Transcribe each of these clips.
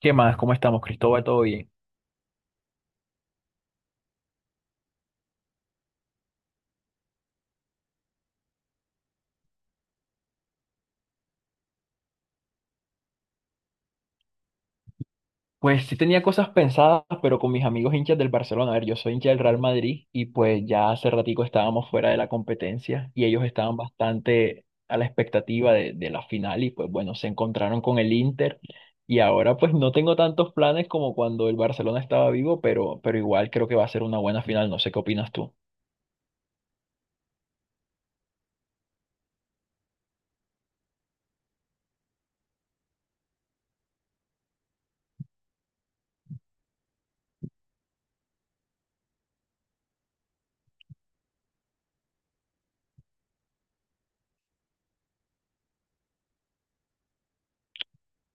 ¿Qué más? ¿Cómo estamos, Cristóbal? ¿Todo bien? Pues sí tenía cosas pensadas, pero con mis amigos hinchas del Barcelona. A ver, yo soy hincha del Real Madrid y pues ya hace ratico estábamos fuera de la competencia y ellos estaban bastante a la expectativa de la final y pues bueno, se encontraron con el Inter y ahora pues no tengo tantos planes como cuando el Barcelona estaba vivo, pero igual creo que va a ser una buena final. No sé qué opinas tú.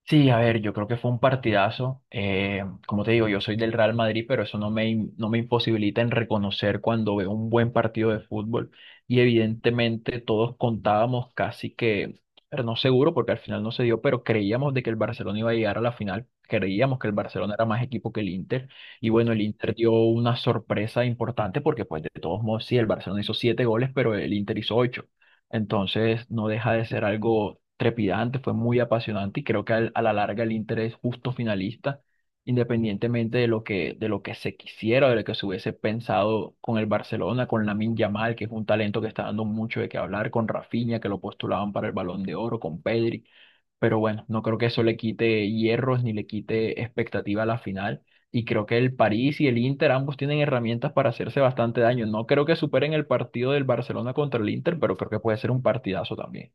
Sí, a ver, yo creo que fue un partidazo. Como te digo, yo soy del Real Madrid, pero eso no me imposibilita en reconocer cuando veo un buen partido de fútbol. Y evidentemente todos contábamos casi que, pero no seguro porque al final no se dio, pero creíamos de que el Barcelona iba a llegar a la final. Creíamos que el Barcelona era más equipo que el Inter. Y bueno, el Inter dio una sorpresa importante porque pues de todos modos, sí, el Barcelona hizo siete goles, pero el Inter hizo ocho. Entonces no deja de ser algo trepidante, fue muy apasionante y creo que a la larga el Inter es justo finalista, independientemente de lo que se quisiera, de lo que se hubiese pensado con el Barcelona, con Lamine Yamal, que es un talento que está dando mucho de qué hablar, con Rafinha, que lo postulaban para el Balón de Oro, con Pedri, pero bueno, no creo que eso le quite hierros ni le quite expectativa a la final. Y creo que el París y el Inter ambos tienen herramientas para hacerse bastante daño. No creo que superen el partido del Barcelona contra el Inter, pero creo que puede ser un partidazo también.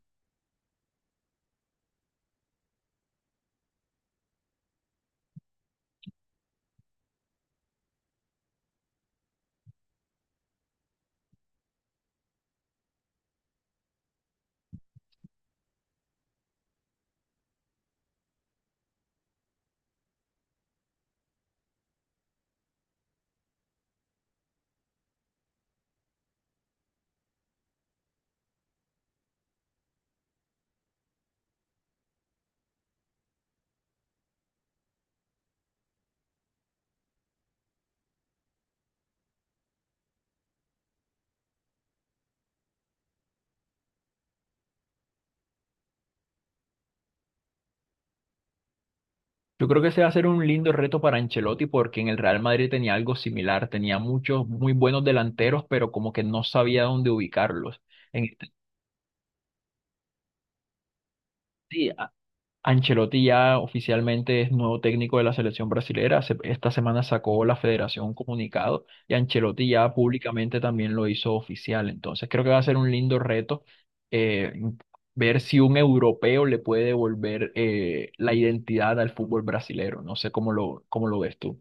Yo creo que ese va a ser un lindo reto para Ancelotti porque en el Real Madrid tenía algo similar, tenía muchos muy buenos delanteros, pero como que no sabía dónde ubicarlos. En este- sí, Ancelotti ya oficialmente es nuevo técnico de la selección brasilera. Esta semana sacó la federación un comunicado y Ancelotti ya públicamente también lo hizo oficial. Entonces creo que va a ser un lindo reto, eh, ver si un europeo le puede devolver, la identidad al fútbol brasilero. No sé cómo lo ves tú.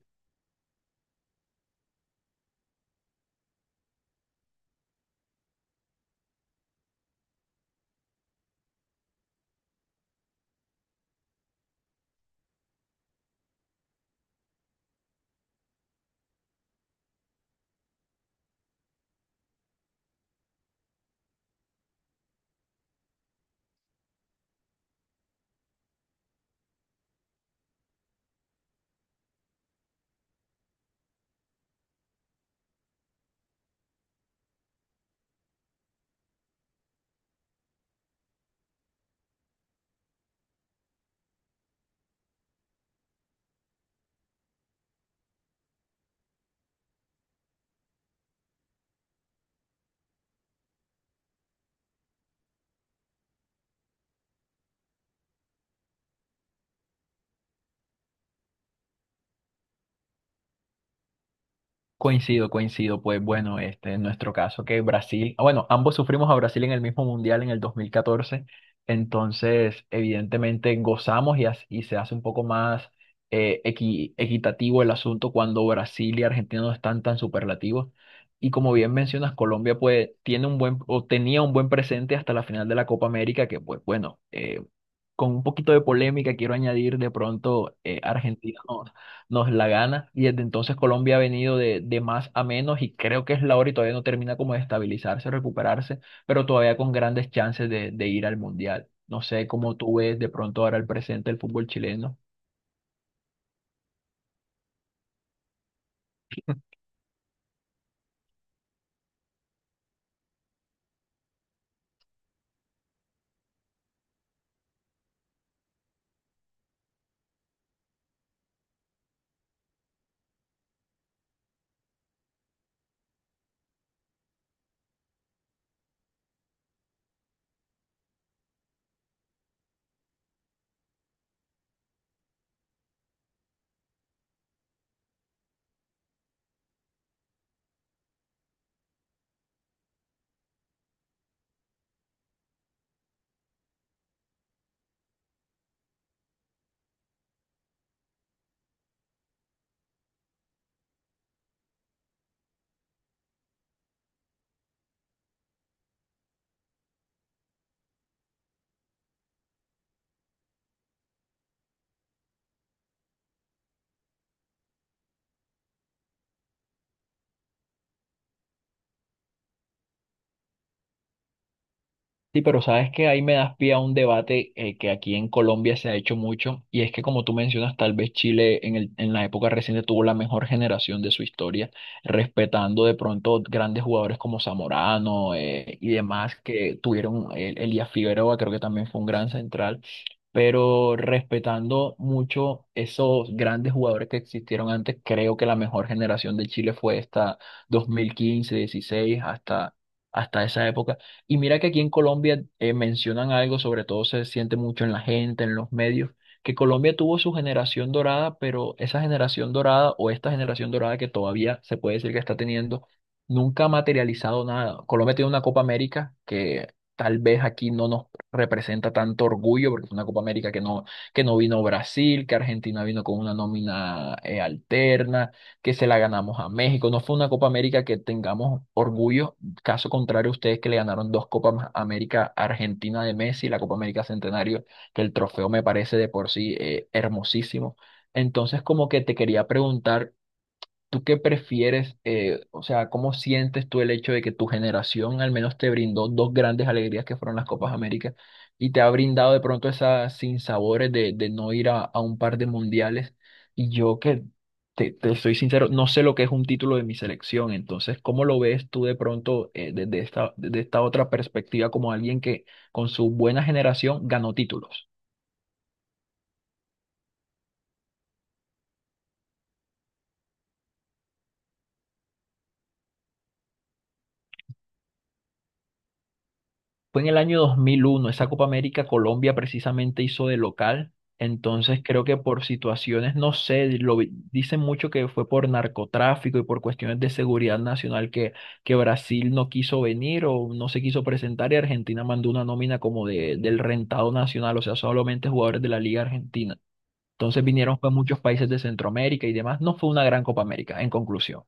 Coincido, coincido. Pues bueno, este, en nuestro caso que Brasil, ah, bueno, ambos sufrimos a Brasil en el mismo mundial en el 2014, entonces evidentemente gozamos y se hace un poco más, equitativo el asunto cuando Brasil y Argentina no están tan superlativos. Y como bien mencionas, Colombia pues tiene un buen o tenía un buen presente hasta la final de la Copa América, que pues bueno, con un poquito de polémica, quiero añadir, de pronto Argentina nos la gana y desde entonces Colombia ha venido de más a menos y creo que es la hora y todavía no termina como de estabilizarse, recuperarse, pero todavía con grandes chances de ir al Mundial. No sé cómo tú ves de pronto ahora el presente del fútbol chileno. Sí, pero sabes que ahí me das pie a un debate, que aquí en Colombia se ha hecho mucho, y es que como tú mencionas, tal vez Chile en la época reciente tuvo la mejor generación de su historia, respetando de pronto grandes jugadores como Zamorano, y demás que tuvieron, el Elías Figueroa creo que también fue un gran central, pero respetando mucho esos grandes jugadores que existieron antes, creo que la mejor generación de Chile fue esta 2015, 16, hasta... Hasta esa época y mira que aquí en Colombia, mencionan algo, sobre todo se siente mucho en la gente, en los medios, que Colombia tuvo su generación dorada, pero esa generación dorada o esta generación dorada que todavía se puede decir que está teniendo, nunca ha materializado nada. Colombia tiene una Copa América que tal vez aquí no nos representa tanto orgullo, porque es una Copa América que que no vino Brasil, que Argentina vino con una nómina, alterna, que se la ganamos a México. No fue una Copa América que tengamos orgullo. Caso contrario, ustedes que le ganaron dos América a Argentina de Messi, la Copa América Centenario, que el trofeo me parece de por sí, hermosísimo. Entonces, como que te quería preguntar, ¿tú qué prefieres? Eh, o sea, ¿cómo sientes tú el hecho de que tu generación al menos te brindó dos grandes alegrías que fueron las Copas américa y te ha brindado de pronto esas sinsabores de no ir a un par de mundiales? Y yo que te soy sincero, no sé lo que es un título de mi selección, entonces, ¿cómo lo ves tú de pronto, desde esta otra perspectiva como alguien que con su buena generación ganó títulos? Fue en el año 2001, esa Copa América Colombia precisamente hizo de local, entonces creo que por situaciones, no sé, dicen mucho que fue por narcotráfico y por cuestiones de seguridad nacional que Brasil no quiso venir o no se quiso presentar y Argentina mandó una nómina como de, del rentado nacional, o sea, solamente jugadores de la Liga Argentina. Entonces vinieron pues muchos países de Centroamérica y demás, no fue una gran Copa América, en conclusión.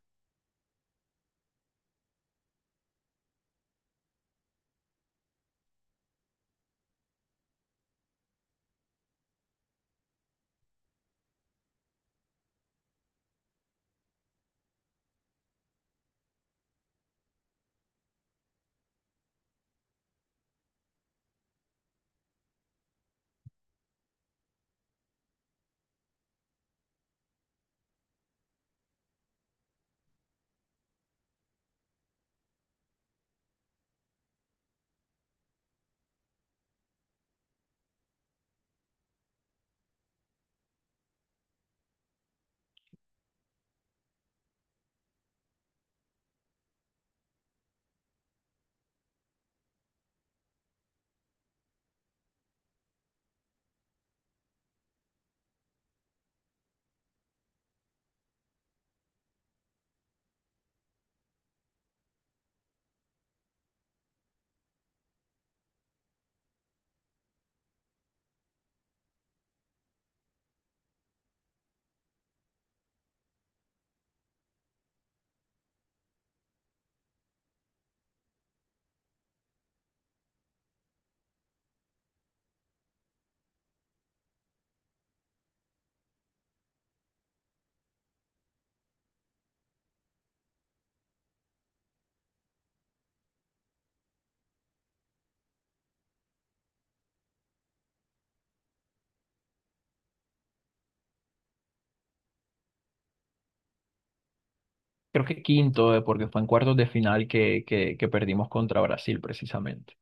Creo que quinto, porque fue en cuartos de final que perdimos contra Brasil precisamente.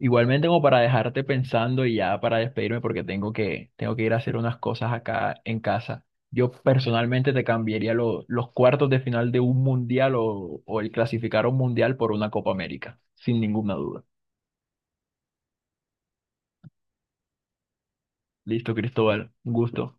Igualmente como para dejarte pensando y ya para despedirme porque tengo tengo que ir a hacer unas cosas acá en casa. Yo personalmente te cambiaría los cuartos de final de un mundial o el clasificar a un mundial por una Copa América, sin ninguna duda. Listo, Cristóbal, un gusto.